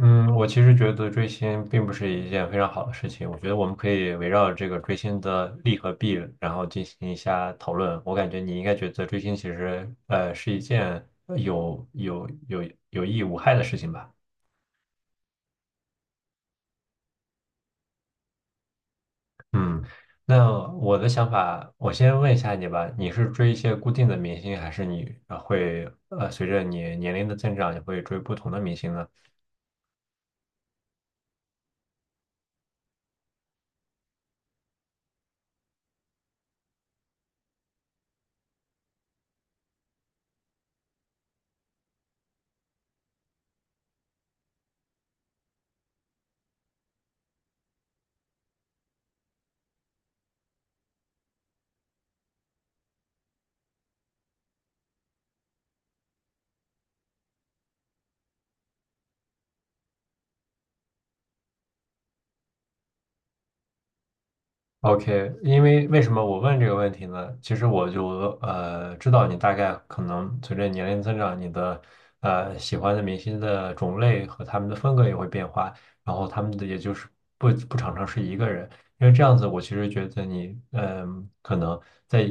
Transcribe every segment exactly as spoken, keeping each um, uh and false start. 嗯，我其实觉得追星并不是一件非常好的事情。我觉得我们可以围绕这个追星的利和弊，然后进行一下讨论。我感觉你应该觉得追星其实呃是一件有有有有益无害的事情吧？嗯，那我的想法，我先问一下你吧，你是追一些固定的明星，还是你呃会呃随着你年龄的增长，你会追不同的明星呢？OK，因为为什么我问这个问题呢？其实我就呃知道你大概可能随着年龄增长，你的呃喜欢的明星的种类和他们的风格也会变化，然后他们的也就是不不常常是一个人，因为这样子我其实觉得你嗯、可能在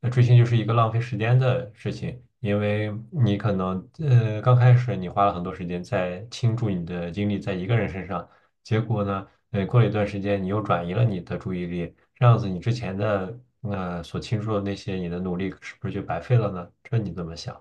呃追星就是一个浪费时间的事情，因为你可能呃刚开始你花了很多时间在倾注你的精力在一个人身上，结果呢？对，过了一段时间，你又转移了你的注意力，这样子你之前的呃所倾注的那些你的努力是不是就白费了呢？这你怎么想？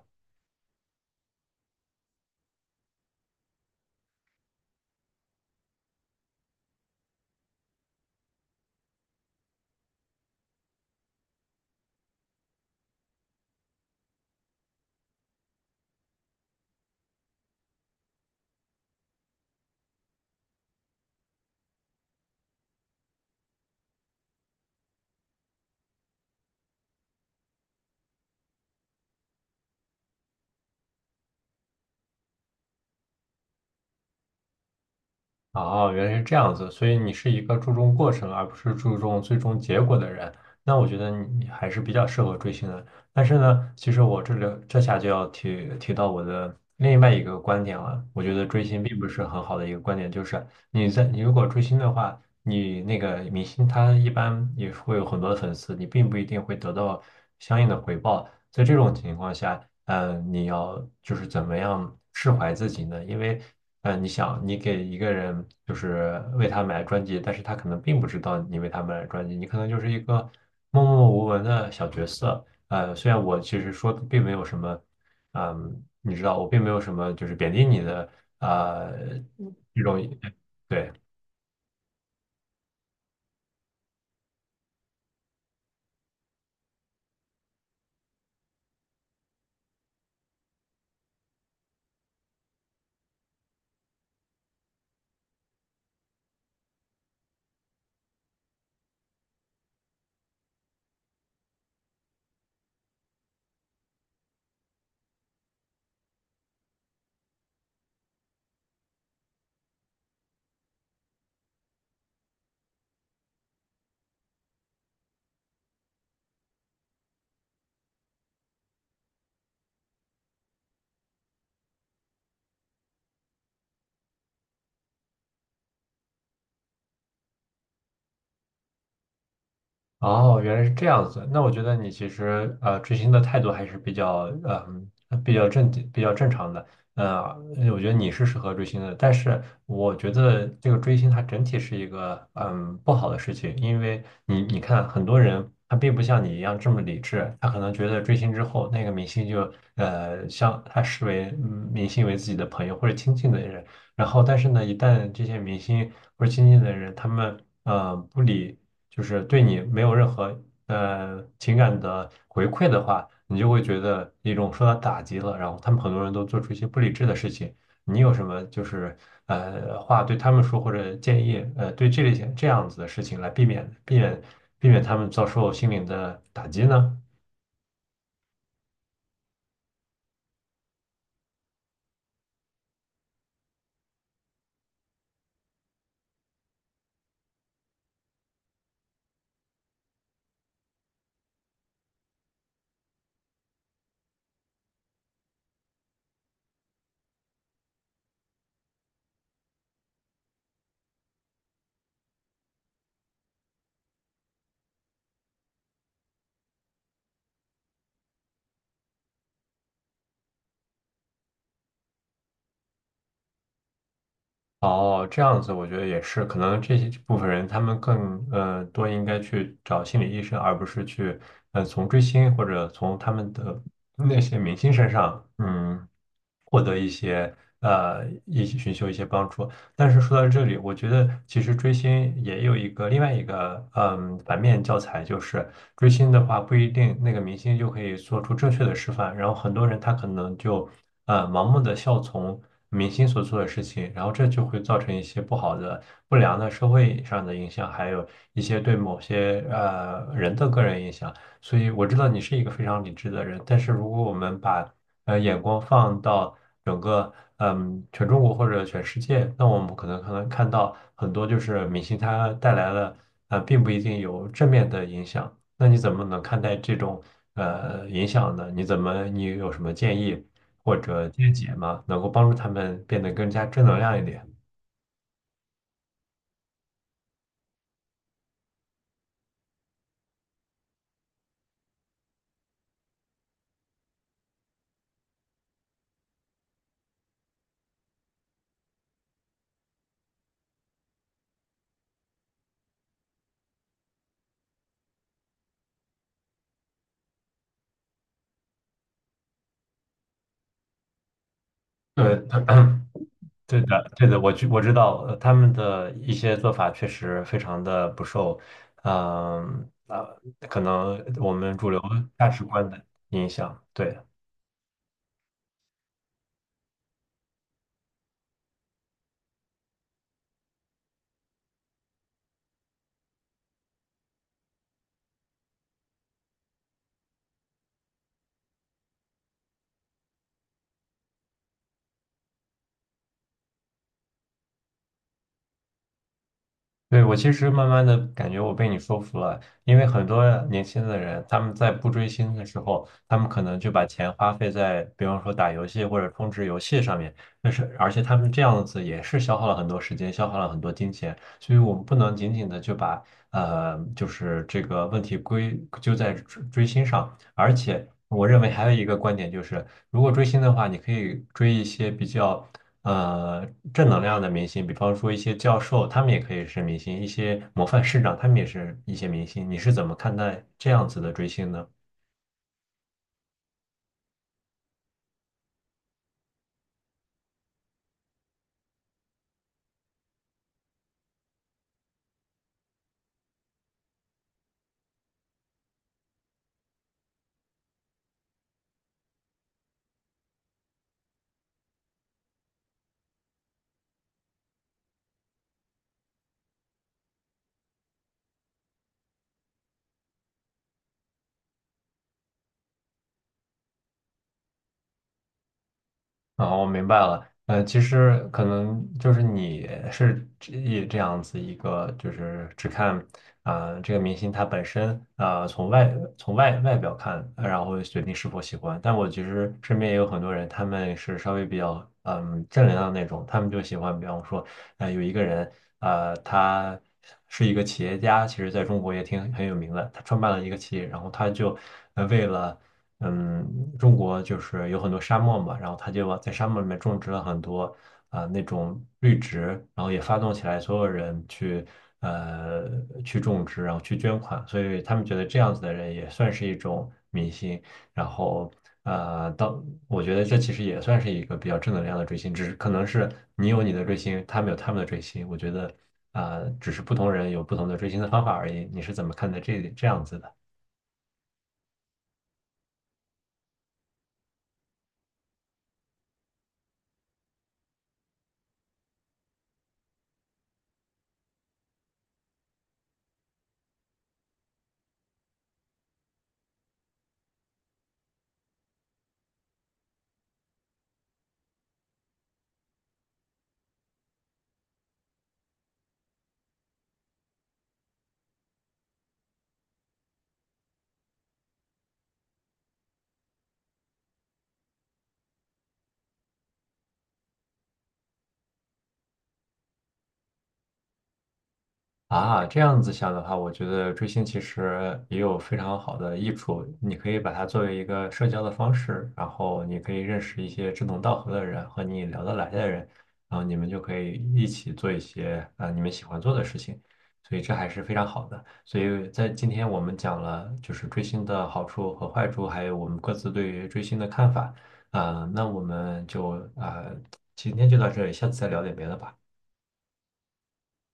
哦，原来是这样子，所以你是一个注重过程而不是注重最终结果的人。那我觉得你还是比较适合追星的。但是呢，其实我这里这下就要提提到我的另外一个观点了。我觉得追星并不是很好的一个观点，就是你在你如果追星的话，你那个明星他一般也会有很多的粉丝，你并不一定会得到相应的回报。在这种情况下，呃，你要就是怎么样释怀自己呢？因为，呃，你想，你给一个人就是为他买专辑，但是他可能并不知道你为他买专辑，你可能就是一个默默无闻的小角色。呃，虽然我其实说的并没有什么，嗯，你知道，我并没有什么就是贬低你的，呃，这种，对。哦，原来是这样子。那我觉得你其实呃追星的态度还是比较嗯、比较正经比较正常的。呃，我觉得你是适合追星的，但是我觉得这个追星它整体是一个嗯不好的事情，因为你你看很多人他并不像你一样这么理智，他可能觉得追星之后那个明星就呃像他视为嗯明星为自己的朋友或者亲近的人，然后但是呢，一旦这些明星或者亲近的人他们呃不理，就是对你没有任何呃情感的回馈的话，你就会觉得一种受到打击了。然后他们很多人都做出一些不理智的事情。你有什么就是呃话对他们说或者建议呃对这类型这样子的事情来避免避免避免他们遭受心灵的打击呢？哦，这样子我觉得也是，可能这些这部分人他们更呃多应该去找心理医生，而不是去呃从追星或者从他们的那些明星身上嗯获得一些呃一起寻求一些帮助。但是说到这里，我觉得其实追星也有一个另外一个嗯反面教材，就是追星的话不一定那个明星就可以做出正确的示范，然后很多人他可能就呃盲目的效从明星所做的事情，然后这就会造成一些不好的、不良的社会上的影响，还有一些对某些呃人的个人影响。所以我知道你是一个非常理智的人，但是如果我们把呃眼光放到整个嗯全中国或者全世界，那我们可能可能看到很多就是明星他带来了呃并不一定有正面的影响。那你怎么能看待这种呃影响呢？你怎么你有什么建议？或者阶级嘛，能够帮助他们变得更加正能量一点。对。对的，对的，我知我知道，呃他们的一些做法确实非常的不受，嗯、呃，可能我们主流价值观的影响。对，对，我其实慢慢的感觉我被你说服了，因为很多年轻的人，他们在不追星的时候，他们可能就把钱花费在，比方说打游戏或者充值游戏上面，但是而且他们这样子也是消耗了很多时间，消耗了很多金钱，所以我们不能仅仅的就把呃，就是这个问题归咎在追追星上，而且我认为还有一个观点就是：如果追星的话，你可以追一些比较呃正能量的明星，比方说一些教授，他们也可以是明星；一些模范市长，他们也是一些明星。你是怎么看待这样子的追星呢？啊，我明白了。呃，其实可能就是你是这也这样子一个，就是只看啊、这个明星他本身啊、从外从外外表看，然后决定是否喜欢。但我其实身边也有很多人，他们是稍微比较嗯正能量那种，他们就喜欢，比方说，呃，有一个人，啊，他是一个企业家，其实在中国也挺很有名的，他创办了一个企业，然后他就呃为了，嗯，中国就是有很多沙漠嘛，然后他就往在沙漠里面种植了很多啊、那种绿植，然后也发动起来所有人去呃去种植，然后去捐款，所以他们觉得这样子的人也算是一种明星，然后呃，到我觉得这其实也算是一个比较正能量的追星，只是可能是你有你的追星，他们有他们的追星，我觉得啊、呃只是不同人有不同的追星的方法而已。你是怎么看待这这样子的？啊，这样子想的话，我觉得追星其实也有非常好的益处。你可以把它作为一个社交的方式，然后你可以认识一些志同道合的人和你聊得来的人，然后你们就可以一起做一些啊、呃你们喜欢做的事情，所以这还是非常好的。所以在今天我们讲了就是追星的好处和坏处，还有我们各自对于追星的看法。啊、那我们就啊、今天就到这里，下次再聊点别的吧。